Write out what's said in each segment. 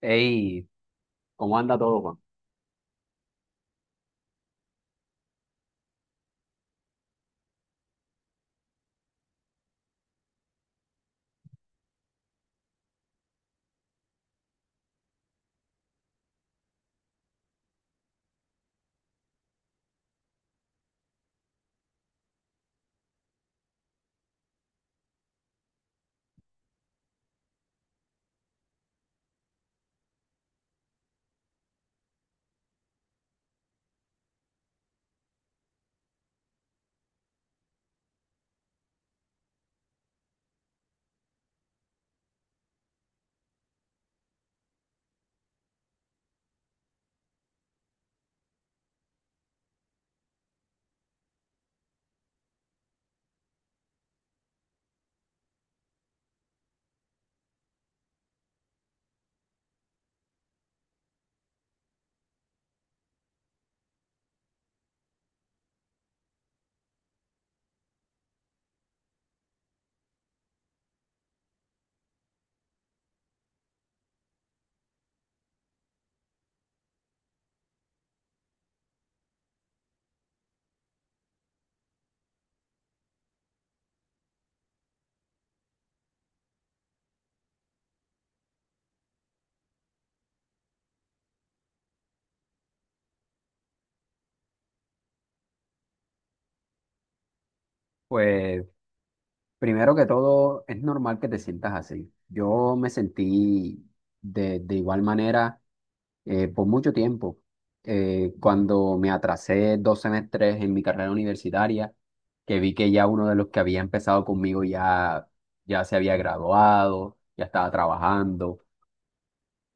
Hey, ¿cómo anda todo, Juan? Pues primero que todo, es normal que te sientas así. Yo me sentí de igual manera por mucho tiempo. Cuando me atrasé dos semestres en mi carrera universitaria, que vi que ya uno de los que había empezado conmigo, ya se había graduado, ya estaba trabajando.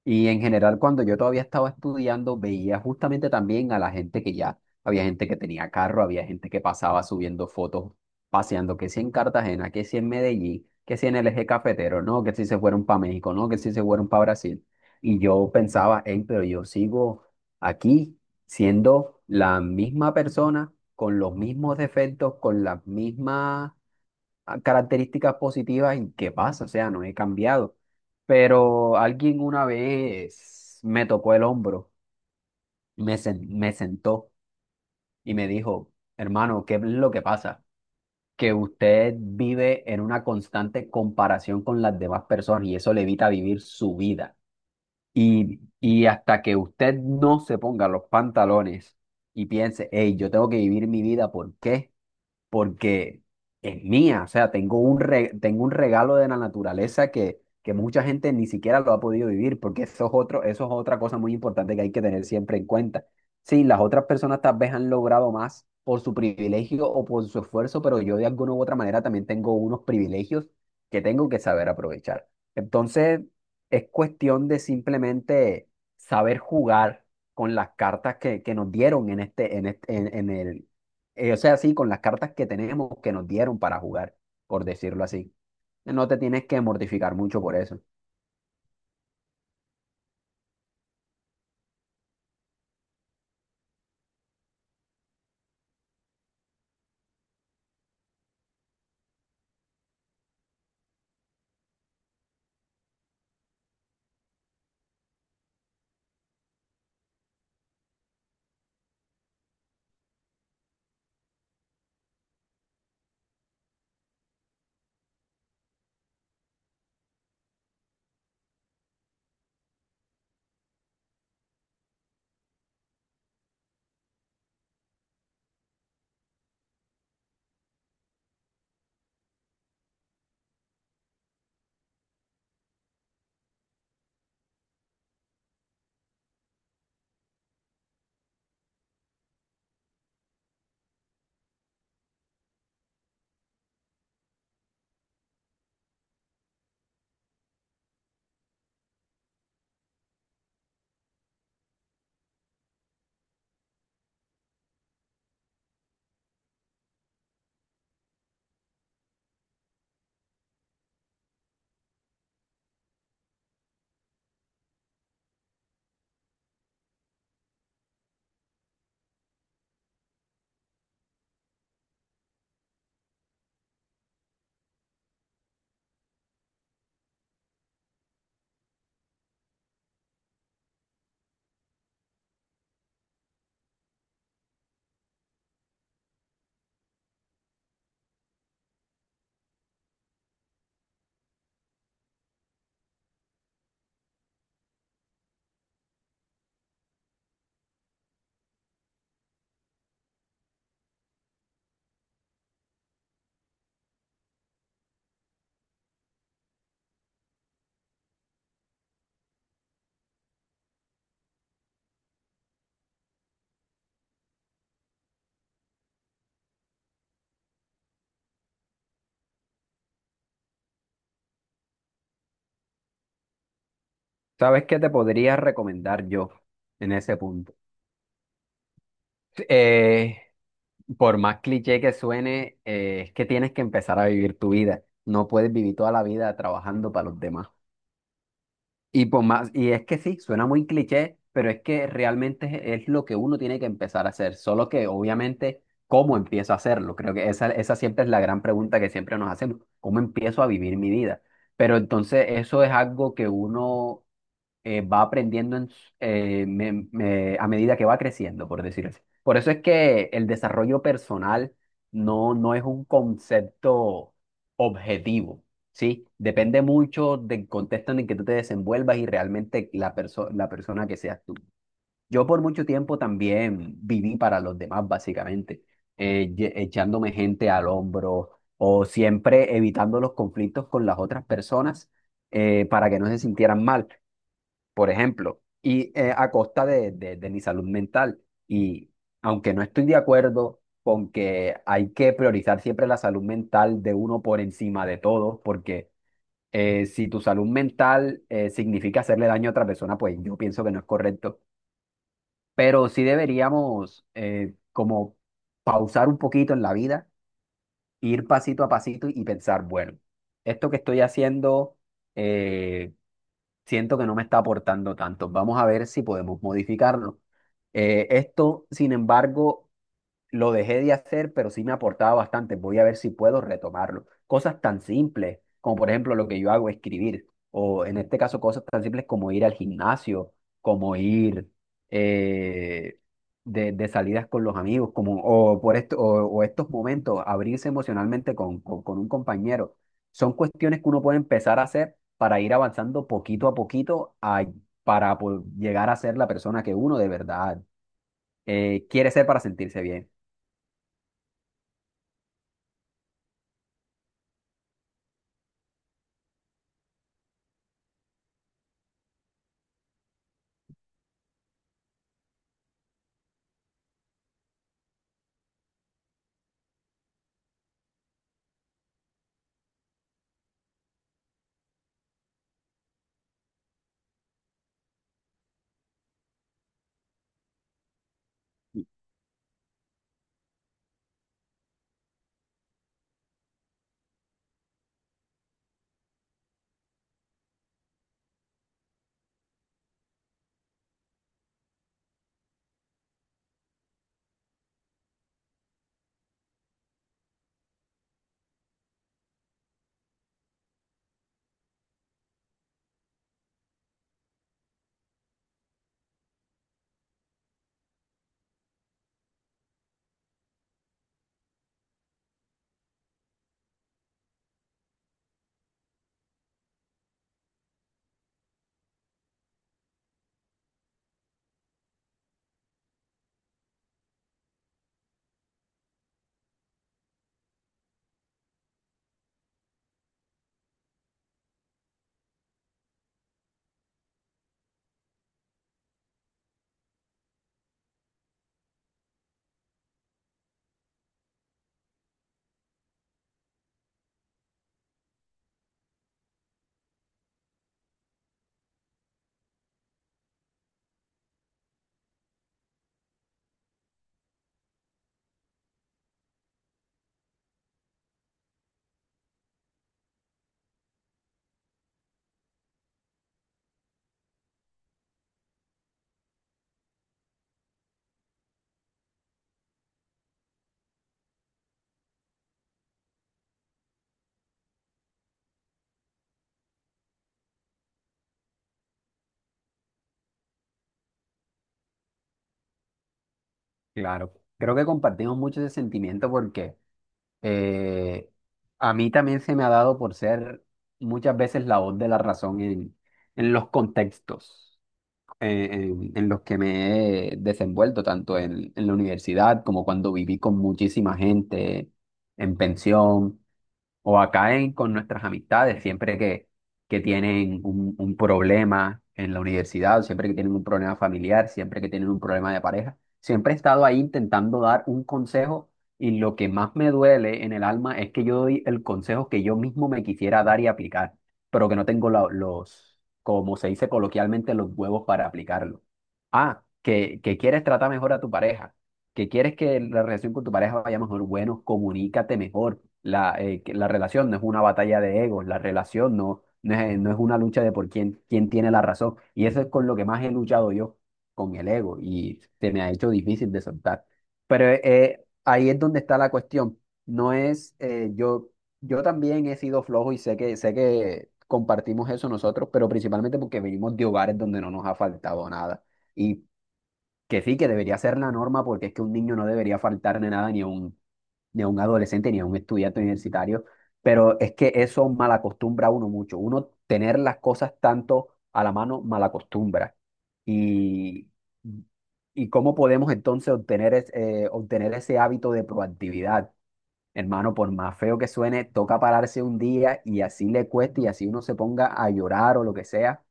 Y en general, cuando yo todavía estaba estudiando, veía justamente también a la gente que ya, había gente que tenía carro, había gente que pasaba subiendo fotos, paseando, que si en Cartagena, que si en Medellín, que si en el eje cafetero, no, que si se fueron para México, no, que si se fueron para Brasil. Y yo pensaba, hey, pero yo sigo aquí siendo la misma persona, con los mismos defectos, con las mismas características positivas en qué pasa, o sea, no he cambiado. Pero alguien una vez me tocó el hombro, me sentó y me dijo, hermano, ¿qué es lo que pasa? Que usted vive en una constante comparación con las demás personas y eso le evita vivir su vida. Y hasta que usted no se ponga los pantalones y piense, hey, yo tengo que vivir mi vida. ¿Por qué? Porque es mía, o sea, tengo un regalo de la naturaleza que mucha gente ni siquiera lo ha podido vivir, porque eso es otro, eso es otra cosa muy importante que hay que tener siempre en cuenta. Sí, las otras personas tal vez han logrado más por su privilegio o por su esfuerzo, pero yo de alguna u otra manera también tengo unos privilegios que tengo que saber aprovechar. Entonces, es cuestión de simplemente saber jugar con las cartas que nos dieron en este, en este, en el, o sea, sí, con las cartas que tenemos que nos dieron para jugar, por decirlo así. No te tienes que mortificar mucho por eso. ¿Sabes qué te podría recomendar yo en ese punto? Eh, por más cliché que suene, es que tienes que empezar a vivir tu vida. No puedes vivir toda la vida trabajando para los demás. Y por más, y es que sí, suena muy cliché, pero es que realmente es lo que uno tiene que empezar a hacer, solo que obviamente cómo empiezo a hacerlo, creo que esa siempre es la gran pregunta que siempre nos hacemos, ¿cómo empiezo a vivir mi vida? Pero entonces eso es algo que uno va aprendiendo en s- me- me- a medida que va creciendo, por decir así. Por eso es que el desarrollo personal no es un concepto objetivo, ¿sí? Depende mucho del contexto en el que tú te desenvuelvas y realmente la persona que seas tú. Yo por mucho tiempo también viví para los demás, básicamente, echándome gente al hombro o siempre evitando los conflictos con las otras personas para que no se sintieran mal, por ejemplo, y a costa de mi salud mental. Y aunque no estoy de acuerdo con que hay que priorizar siempre la salud mental de uno por encima de todo, porque si tu salud mental significa hacerle daño a otra persona, pues yo pienso que no es correcto. Pero sí deberíamos, como, pausar un poquito en la vida, ir pasito a pasito y pensar, bueno, esto que estoy haciendo, eh, siento que no me está aportando tanto. Vamos a ver si podemos modificarlo. Esto, sin embargo, lo dejé de hacer, pero sí me aportaba bastante. Voy a ver si puedo retomarlo. Cosas tan simples como, por ejemplo, lo que yo hago, escribir. O en este caso, cosas tan simples como ir al gimnasio, como ir eh, de salidas con los amigos, como, o estos momentos, abrirse emocionalmente con un compañero. Son cuestiones que uno puede empezar a hacer para ir avanzando poquito a para llegar a ser la persona que uno de verdad quiere ser para sentirse bien. Claro, creo que compartimos mucho ese sentimiento porque eh, a mí también se me ha dado por ser muchas veces la voz de la razón en los contextos, en los que me he desenvuelto, tanto en la universidad como cuando viví con muchísima gente en pensión o acá con nuestras amistades, siempre que tienen un problema en la universidad, o siempre que tienen un problema familiar, siempre que tienen un problema de pareja, siempre he estado ahí intentando dar un consejo, y lo que más me duele en el alma es que yo doy el consejo que yo mismo me quisiera dar y aplicar, pero que no tengo los, como se dice coloquialmente, los huevos para aplicarlo. Ah, que quieres tratar mejor a tu pareja, que quieres que la relación con tu pareja vaya mejor, bueno, comunícate mejor. Que la relación no es una batalla de egos, la relación no es, no es una lucha de por quién tiene la razón. Y eso es con lo que más he luchado yo, con el ego, y se me ha hecho difícil de soltar. Pero ahí es donde está la cuestión. No es, yo, Yo también he sido flojo y sé sé que compartimos eso nosotros, pero principalmente porque venimos de hogares donde no nos ha faltado nada. Y que sí, que debería ser la norma porque es que un niño no debería faltarle nada ni a un adolescente ni a un estudiante universitario, pero es que eso malacostumbra a uno mucho. Uno tener las cosas tanto a la mano malacostumbra. Y, y cómo podemos entonces obtener ese hábito de proactividad. Hermano, por más feo que suene, toca pararse un día y así le cueste y así uno se ponga a llorar o lo que sea,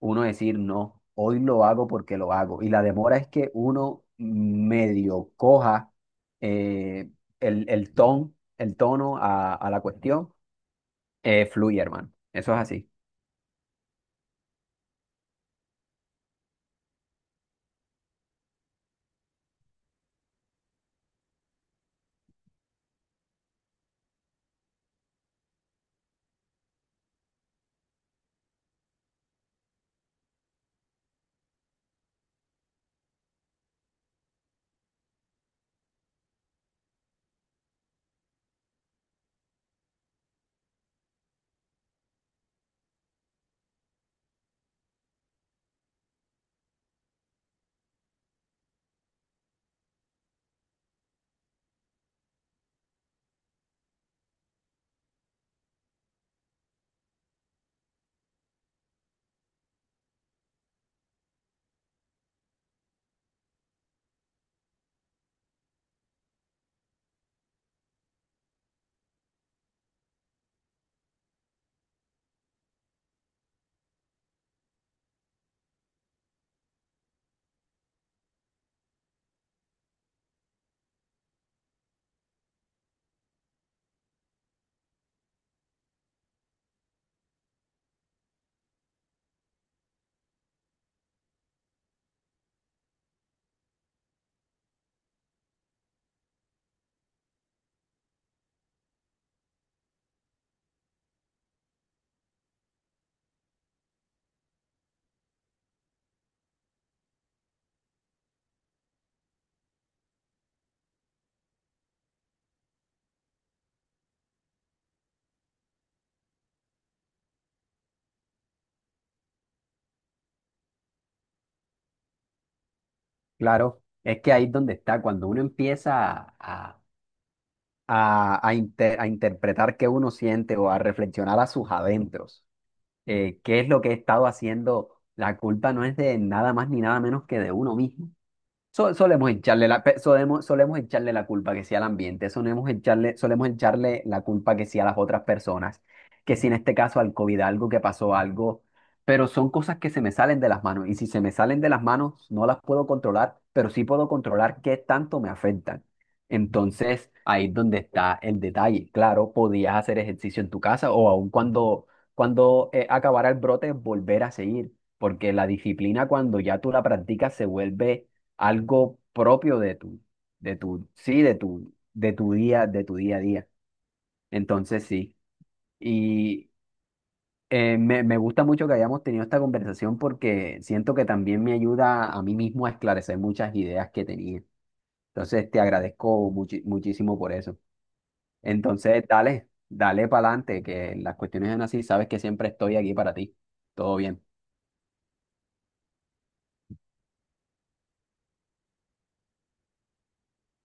uno decir, no, hoy lo hago porque lo hago. Y la demora es que uno medio coja eh, el ton, el tono a la cuestión, fluye, hermano. Eso es así. Claro, es que ahí es donde está, cuando uno empieza a interpretar qué uno siente o a reflexionar a sus adentros, qué es lo que he estado haciendo. La culpa no es de nada más ni nada menos que de uno mismo. Solemos echarle la culpa que sea al ambiente, solemos echarle la culpa que sea a las otras personas, que si en este caso al COVID algo, que pasó algo, pero son cosas que se me salen de las manos y si se me salen de las manos no las puedo controlar, pero sí puedo controlar qué tanto me afectan. Entonces ahí es donde está el detalle. Claro, podías hacer ejercicio en tu casa o aun cuando acabara el brote volver a seguir, porque la disciplina cuando ya tú la practicas se vuelve algo propio de tu día a día. Entonces, sí. Y me gusta mucho que hayamos tenido esta conversación porque siento que también me ayuda a mí mismo a esclarecer muchas ideas que tenía. Entonces, te agradezco muchísimo por eso. Entonces, dale, dale para adelante, que las cuestiones son así, sabes que siempre estoy aquí para ti. Todo bien.